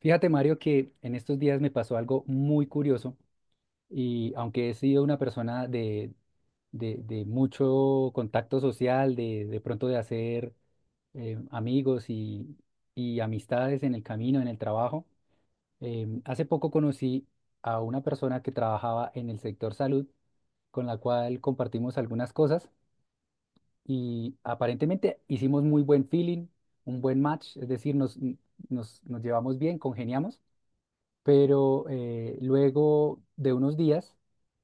Fíjate, Mario, que en estos días me pasó algo muy curioso y aunque he sido una persona de mucho contacto social, de pronto de hacer amigos y amistades en el camino, en el trabajo, hace poco conocí a una persona que trabajaba en el sector salud, con la cual compartimos algunas cosas y aparentemente hicimos muy buen feeling, un buen match, es decir, nos llevamos bien, congeniamos, pero luego de unos días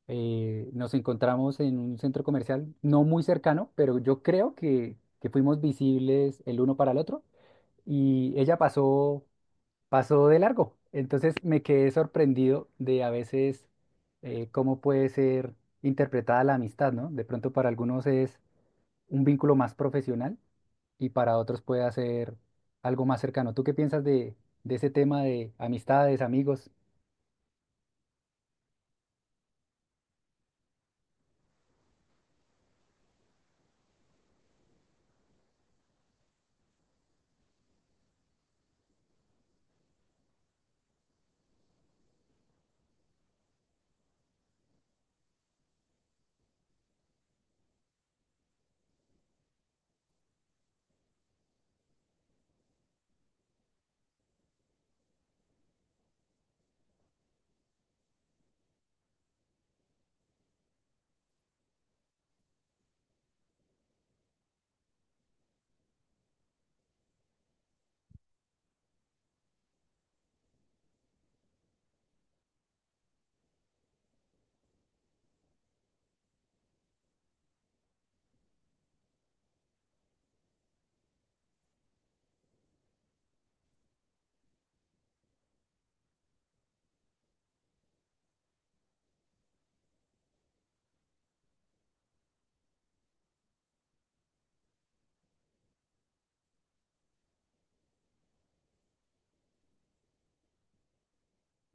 nos encontramos en un centro comercial, no muy cercano, pero yo creo que fuimos visibles el uno para el otro y ella pasó de largo. Entonces me quedé sorprendido de a veces cómo puede ser interpretada la amistad, ¿no? De pronto para algunos es un vínculo más profesional y para otros puede ser algo más cercano. ¿Tú qué piensas de ese tema de amistades, amigos?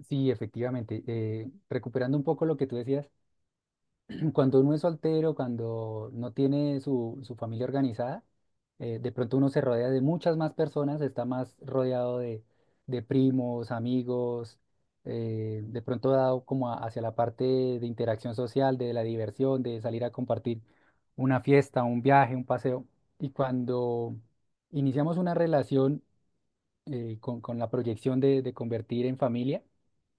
Sí, efectivamente. Recuperando un poco lo que tú decías, cuando uno es soltero, cuando no tiene su familia organizada, de pronto uno se rodea de muchas más personas, está más rodeado de primos, amigos, de pronto dado como hacia la parte de interacción social, de la diversión, de salir a compartir una fiesta, un viaje, un paseo. Y cuando iniciamos una relación, con la proyección de convertir en familia,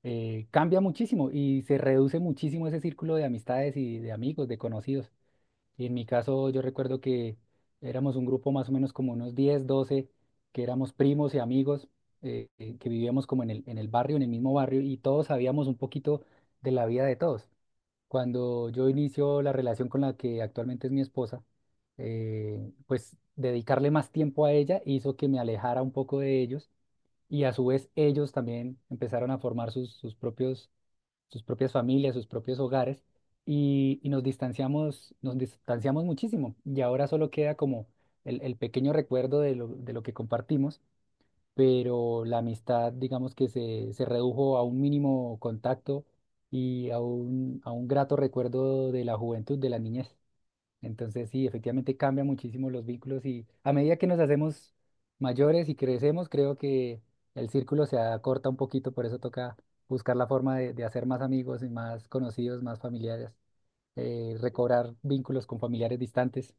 cambia muchísimo y se reduce muchísimo ese círculo de amistades y de amigos, de conocidos. Y en mi caso yo recuerdo que éramos un grupo más o menos como unos 10 12 que éramos primos y amigos, que vivíamos como en en el barrio, en el mismo barrio, y todos sabíamos un poquito de la vida de todos. Cuando yo inicio la relación con la que actualmente es mi esposa, pues dedicarle más tiempo a ella hizo que me alejara un poco de ellos, y a su vez ellos también empezaron a formar sus propias familias, sus propios hogares, y nos distanciamos muchísimo, y ahora solo queda como el pequeño recuerdo de de lo que compartimos, pero la amistad digamos que se redujo a un mínimo contacto y a a un grato recuerdo de la juventud, de la niñez. Entonces, sí, efectivamente cambian muchísimo los vínculos, y a medida que nos hacemos mayores y crecemos, creo que el círculo se acorta un poquito, por eso toca buscar la forma de hacer más amigos y más conocidos, más familiares, recobrar vínculos con familiares distantes.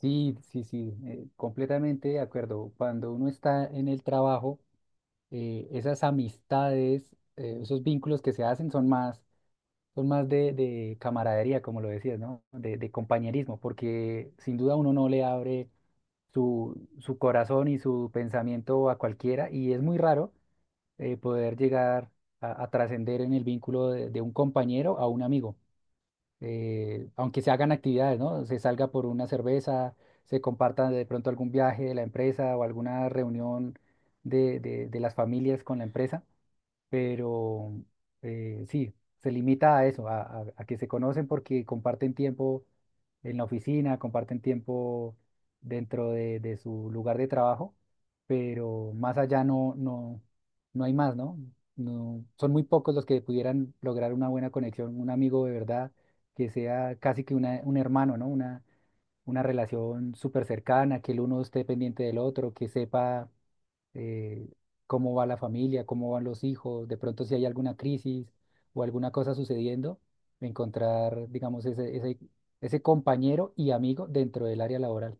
Sí, sí, sí, completamente de acuerdo. Cuando uno está en el trabajo, esas amistades, esos vínculos que se hacen son más. Son más de camaradería, como lo decías, ¿no? De compañerismo, porque sin duda uno no le abre su corazón y su pensamiento a cualquiera, y es muy raro poder llegar a trascender en el vínculo de un compañero a un amigo. Aunque se hagan actividades, ¿no? Se salga por una cerveza, se comparta de pronto algún viaje de la empresa o alguna reunión de las familias con la empresa, pero sí, se limita a eso, a que se conocen porque comparten tiempo en la oficina, comparten tiempo dentro de su lugar de trabajo, pero más allá no, no hay más, ¿no? No, son muy pocos los que pudieran lograr una buena conexión, un amigo de verdad, que sea casi que un hermano, ¿no? Una relación súper cercana, que el uno esté pendiente del otro, que sepa eh, cómo va la familia, cómo van los hijos, de pronto si hay alguna crisis o alguna cosa sucediendo, encontrar, digamos, ese compañero y amigo dentro del área laboral.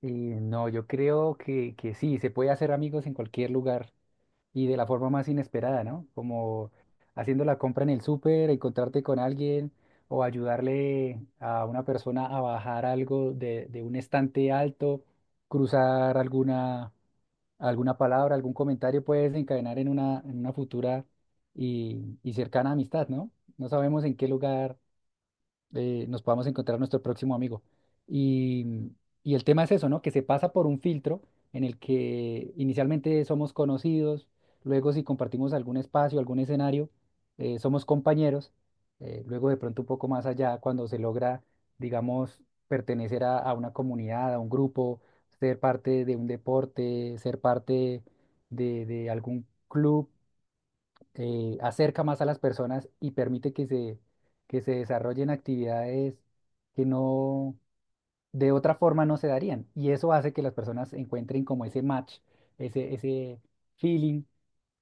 Y no, yo creo que sí, se puede hacer amigos en cualquier lugar y de la forma más inesperada, ¿no? Como haciendo la compra en el súper, encontrarte con alguien o ayudarle a una persona a bajar algo de un estante alto, cruzar alguna palabra, algún comentario puede desencadenar en en una futura y cercana amistad, ¿no? No sabemos en qué lugar nos podamos encontrar nuestro próximo amigo. Y, mm, y el tema es eso, ¿no? Que se pasa por un filtro en el que inicialmente somos conocidos, luego si compartimos algún espacio, algún escenario, somos compañeros, luego de pronto un poco más allá, cuando se logra, digamos, pertenecer a una comunidad, a un grupo, ser parte de un deporte, ser parte de algún club, acerca más a las personas y permite que que se desarrollen actividades que de otra forma no se darían. Y eso hace que las personas encuentren como ese match, ese feeling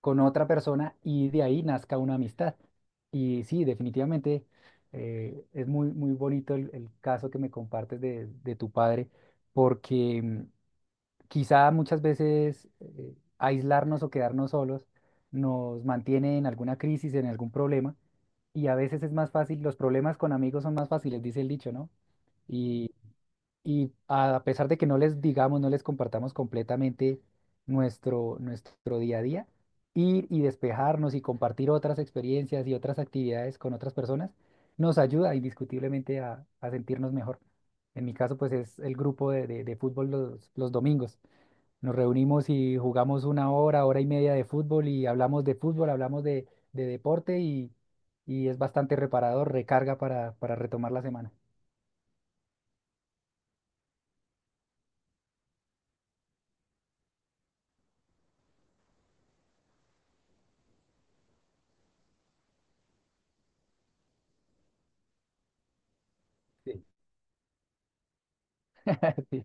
con otra persona, y de ahí nazca una amistad. Y sí, definitivamente es muy, muy bonito el caso que me compartes de tu padre, porque quizá muchas veces aislarnos o quedarnos solos nos mantiene en alguna crisis, en algún problema, y a veces es más fácil, los problemas con amigos son más fáciles, dice el dicho, ¿no? Y, y a pesar de que no les digamos, no les compartamos completamente nuestro día a día, ir y despejarnos y compartir otras experiencias y otras actividades con otras personas nos ayuda indiscutiblemente a sentirnos mejor. En mi caso, pues es el grupo de fútbol los domingos. Nos reunimos y jugamos una hora, hora y media de fútbol, y hablamos de fútbol, hablamos de deporte, y es bastante reparador, recarga para retomar la semana. Sí. Sí,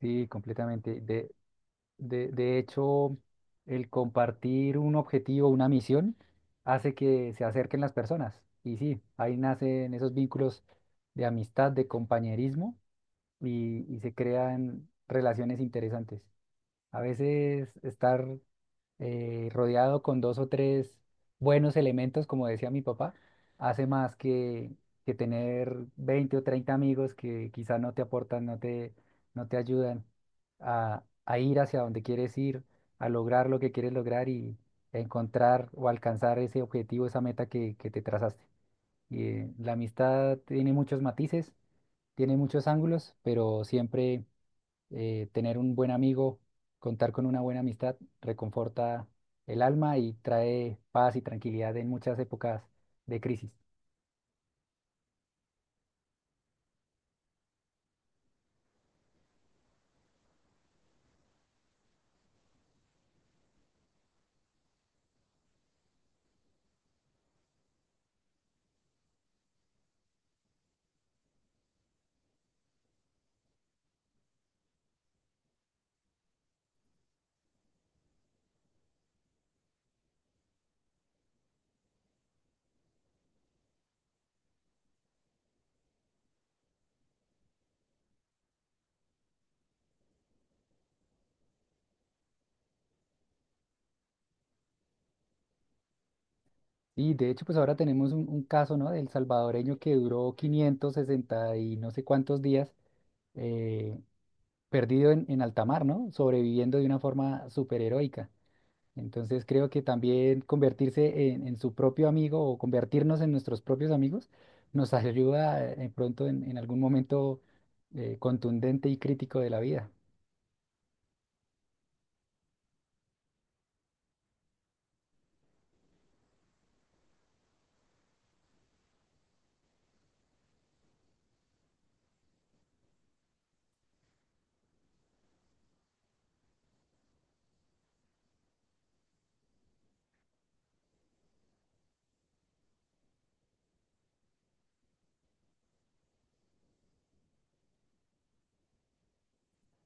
sí, completamente. De hecho, el compartir un objetivo, una misión, hace que se acerquen las personas. Y sí, ahí nacen esos vínculos de amistad, de compañerismo, y se crean relaciones interesantes. A veces estar rodeado con dos o tres buenos elementos, como decía mi papá, hace más que tener 20 o 30 amigos que quizá no te aportan, no te ayudan a ir hacia donde quieres ir, a lograr lo que quieres lograr y encontrar o alcanzar ese objetivo, esa meta que te trazaste. Y la amistad tiene muchos matices, tiene muchos ángulos, pero siempre tener un buen amigo, contar con una buena amistad, reconforta el alma y trae paz y tranquilidad en muchas épocas de crisis. Y de hecho, pues ahora tenemos un caso, ¿no? Del salvadoreño que duró 560 y no sé cuántos días eh, perdido en alta mar, ¿no? Sobreviviendo de una forma superheroica. Entonces creo que también convertirse en su propio amigo o convertirnos en nuestros propios amigos nos ayuda pronto en algún momento contundente y crítico de la vida.